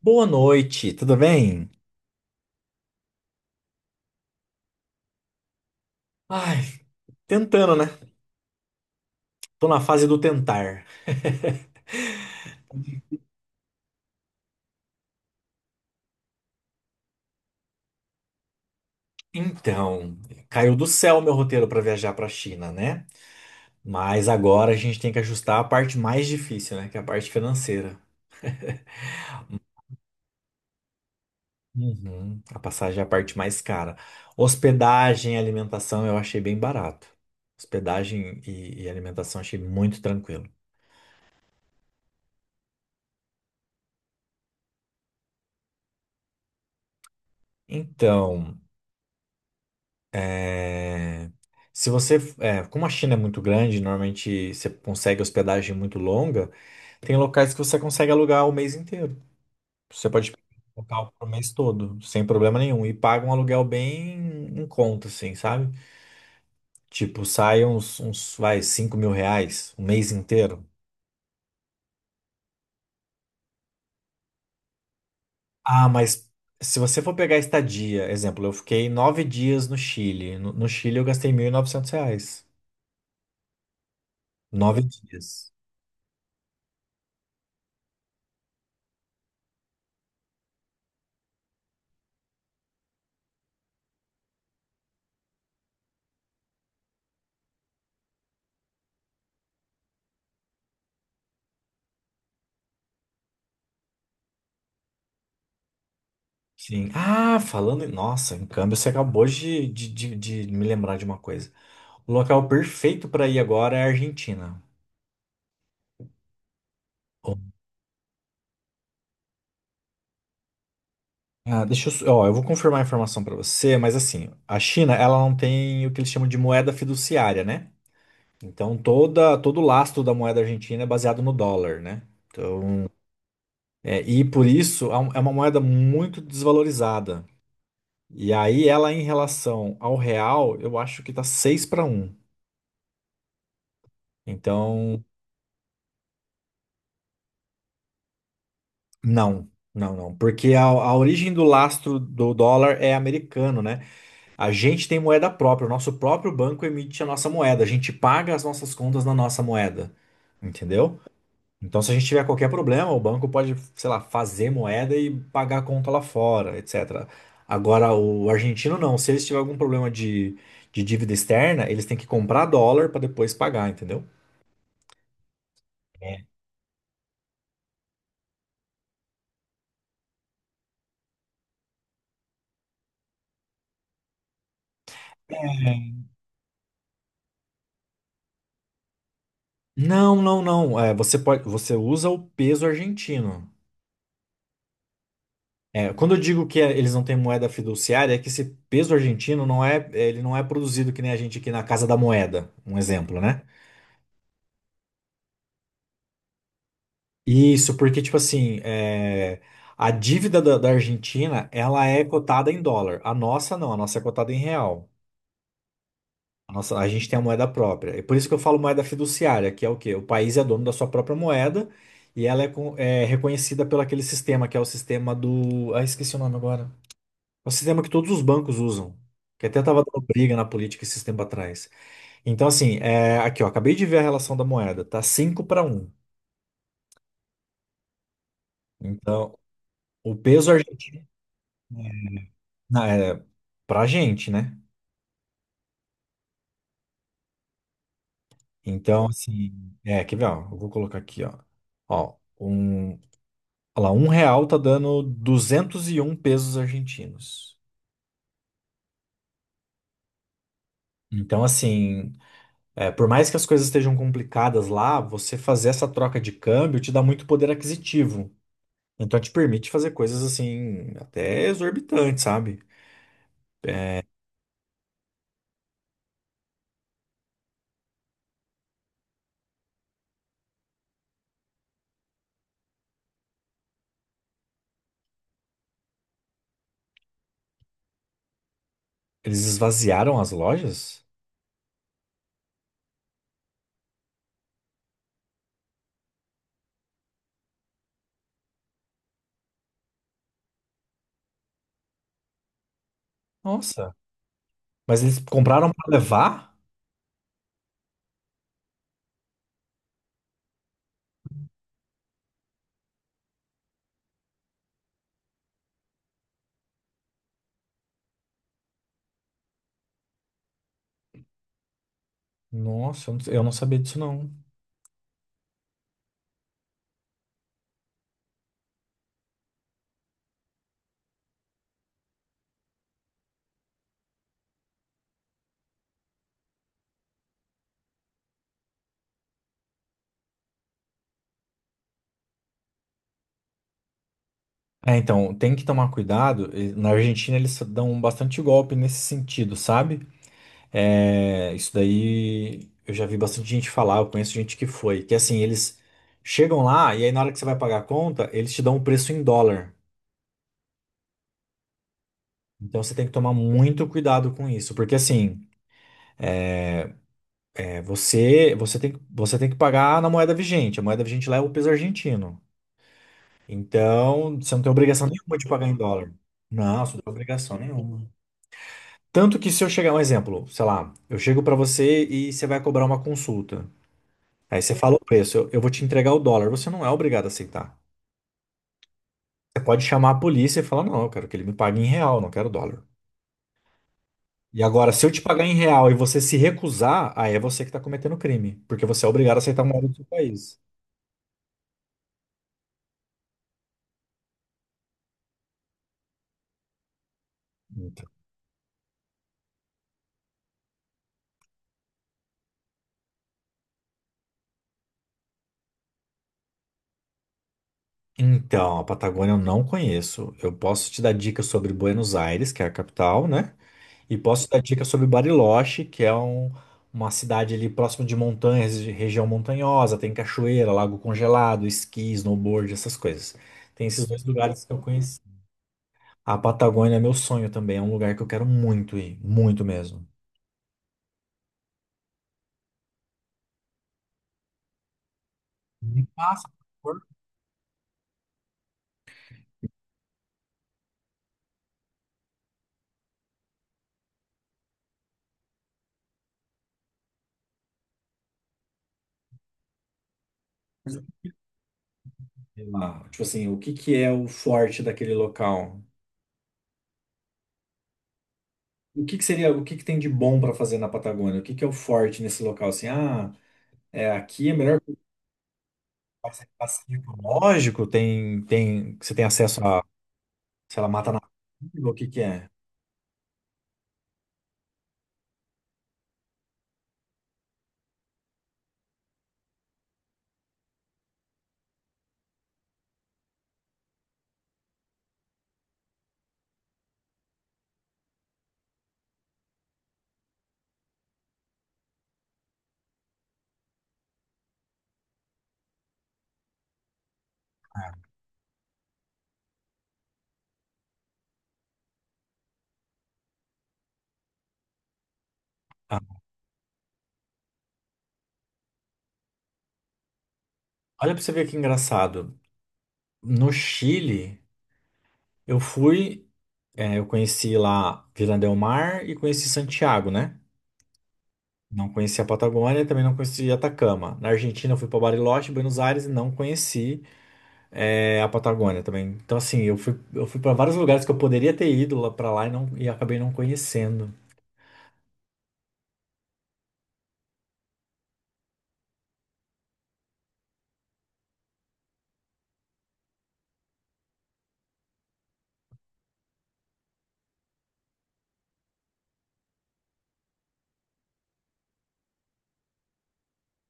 Boa noite, tudo bem? Ai, tentando, né? Tô na fase do tentar. Então, caiu do céu meu roteiro pra viajar pra China, né? Mas agora a gente tem que ajustar a parte mais difícil, né? Que é a parte financeira. Uhum. A passagem é a parte mais cara. Hospedagem e alimentação eu achei bem barato. Hospedagem e alimentação achei muito tranquilo. Então. É, se você, é, como a China é muito grande, normalmente você consegue hospedagem muito longa, tem locais que você consegue alugar o mês inteiro. Você pode pegar um local pro mês todo, sem problema nenhum, e paga um aluguel bem em conta, assim, sabe? Tipo, sai uns, vai, 5.000 reais o mês inteiro. Ah, mas se você for pegar estadia, exemplo, eu fiquei 9 dias no Chile. No Chile eu gastei 1.900 reais. 9 dias. Sim. Ah, falando em. Nossa, em câmbio, você acabou de me lembrar de uma coisa. O local perfeito para ir agora é a Argentina. Bom, ah, deixa eu. Ó, eu vou confirmar a informação para você, mas assim, a China, ela não tem o que eles chamam de moeda fiduciária, né? Então, todo o lastro da moeda argentina é baseado no dólar, né? Então, é, e por isso é é uma moeda muito desvalorizada. E aí, ela em relação ao real, eu acho que tá 6 para 1. Então. Não, não, não. Porque a origem do lastro do dólar é americano, né? A gente tem moeda própria, o nosso próprio banco emite a nossa moeda, a gente paga as nossas contas na nossa moeda, entendeu? Então, se a gente tiver qualquer problema, o banco pode, sei lá, fazer moeda e pagar a conta lá fora, etc. Agora, o argentino não. Se eles tiverem algum problema de dívida externa, eles têm que comprar dólar para depois pagar, entendeu? É. Não, não, não. É, você pode, você usa o peso argentino. É, quando eu digo que é, eles não têm moeda fiduciária, é que esse peso argentino não é, ele não é produzido que nem a gente aqui na Casa da Moeda, um exemplo, né? Isso, porque, tipo assim, é, a dívida da Argentina, ela é cotada em dólar. A nossa não, a nossa é cotada em real. A nossa, a gente tem a moeda própria. É por isso que eu falo moeda fiduciária, que é o quê? O país é dono da sua própria moeda e ela é, é reconhecida pelo aquele sistema, que é o sistema do... Ah, esqueci o nome agora. É um sistema que todos os bancos usam. Que até estava dando briga na política esse tempo atrás. Então, assim, é, aqui, ó, acabei de ver a relação da moeda. Tá 5 para 1. Então, o peso argentino. Não, é pra gente, né? Então, assim, é, quer ver, ó, eu vou colocar aqui, ó. Ó, um, olha lá, um real tá dando 201 pesos argentinos. Então, assim, é, por mais que as coisas estejam complicadas lá, você fazer essa troca de câmbio te dá muito poder aquisitivo. Então te permite fazer coisas assim, até exorbitantes, sabe? Eles esvaziaram as lojas? Nossa. Mas eles compraram pra levar? Nossa, eu não sabia disso não. É, então, tem que tomar cuidado. E na Argentina eles dão bastante golpe nesse sentido, sabe? É, isso daí eu já vi bastante gente falar, eu conheço gente que foi. Que assim, eles chegam lá e aí na hora que você vai pagar a conta, eles te dão o preço em dólar. Então você tem que tomar muito cuidado com isso, porque assim. É. Você tem que pagar na moeda vigente. A moeda vigente lá é o peso argentino. Então, você não tem obrigação nenhuma de pagar em dólar. Não, você não tem obrigação nenhuma. Tanto que se eu chegar, um exemplo, sei lá, eu chego para você e você vai cobrar uma consulta. Aí você fala o preço, eu vou te entregar o dólar. Você não é obrigado a aceitar. Você pode chamar a polícia e falar, não, eu quero que ele me pague em real, não quero dólar. E agora, se eu te pagar em real e você se recusar, aí é você que está cometendo crime, porque você é obrigado a aceitar a moeda do seu país. Então, a Patagônia eu não conheço. Eu posso te dar dicas sobre Buenos Aires, que é a capital, né? E posso te dar dicas sobre Bariloche, que é uma cidade ali próximo de montanhas, de região montanhosa, tem cachoeira, lago congelado, esqui, snowboard, essas coisas. Tem esses dois lugares que eu conheci. A Patagônia é meu sonho também, é um lugar que eu quero muito ir, muito mesmo. Me passa, por favor, sei lá, tipo assim, o que que é o forte daquele local? O que que seria, o que que tem de bom para fazer na Patagônia? O que que é o forte nesse local? Assim, ah, é, aqui é melhor fazer passeio ecológico, tem, você tem acesso a, sei lá, mata nativa, o que que é? Ah, ah, olha para você ver que engraçado. No Chile, eu fui, é, eu conheci lá Vila del Mar e conheci Santiago, né? Não conheci a Patagônia, também não conheci Atacama. Na Argentina, eu fui para Bariloche, Buenos Aires e não conheci. É, a Patagônia também. Então, assim, eu fui para vários lugares que eu poderia ter ido lá para lá e, não, e acabei não conhecendo.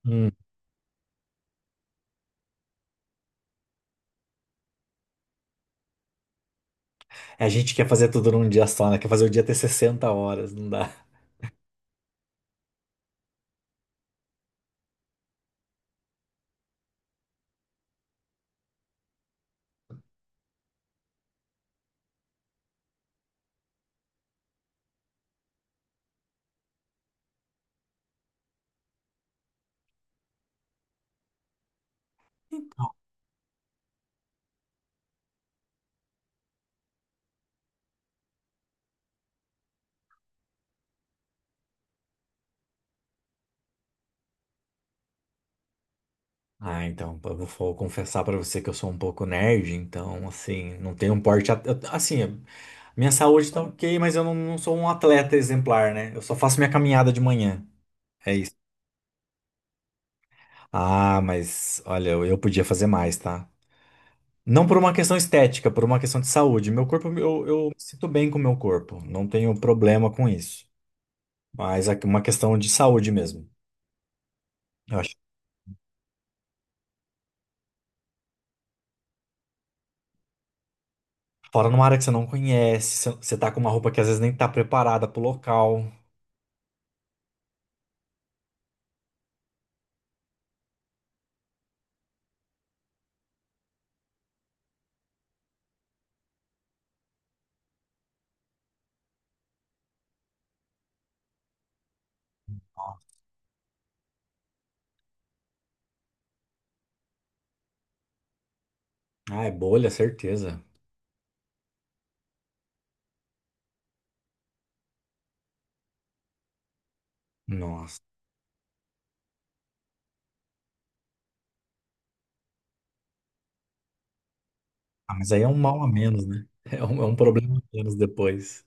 Hum. A gente quer fazer tudo num dia só, né? Quer fazer o dia ter 60 horas, não dá. Ah, então, eu vou confessar pra você que eu sou um pouco nerd, então, assim, não tenho um porte. Assim, minha saúde tá ok, mas eu não, não sou um atleta exemplar, né? Eu só faço minha caminhada de manhã. É isso. Ah, mas olha, eu podia fazer mais, tá? Não por uma questão estética, por uma questão de saúde. Meu corpo, eu me sinto bem com o meu corpo, não tenho problema com isso. Mas é uma questão de saúde mesmo. Eu acho. Fora numa área que você não conhece, você tá com uma roupa que às vezes nem tá preparada pro local. Ah, é bolha, certeza. Nossa. Ah, mas aí é um mal a menos, né? É um problema a menos depois.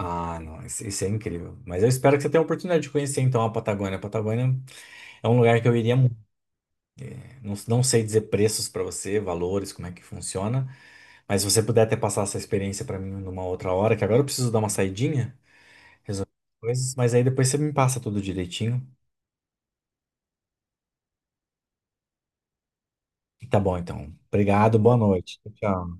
Ah, não, isso é incrível. Mas eu espero que você tenha a oportunidade de conhecer então a Patagônia. A Patagônia é um lugar que eu iria muito. Não, não sei dizer preços para você, valores, como é que funciona. Mas se você puder até passar essa experiência para mim numa outra hora, que agora eu preciso dar uma saidinha, resolver coisas, mas aí depois você me passa tudo direitinho. Tá bom, então. Obrigado, boa noite. Tchau.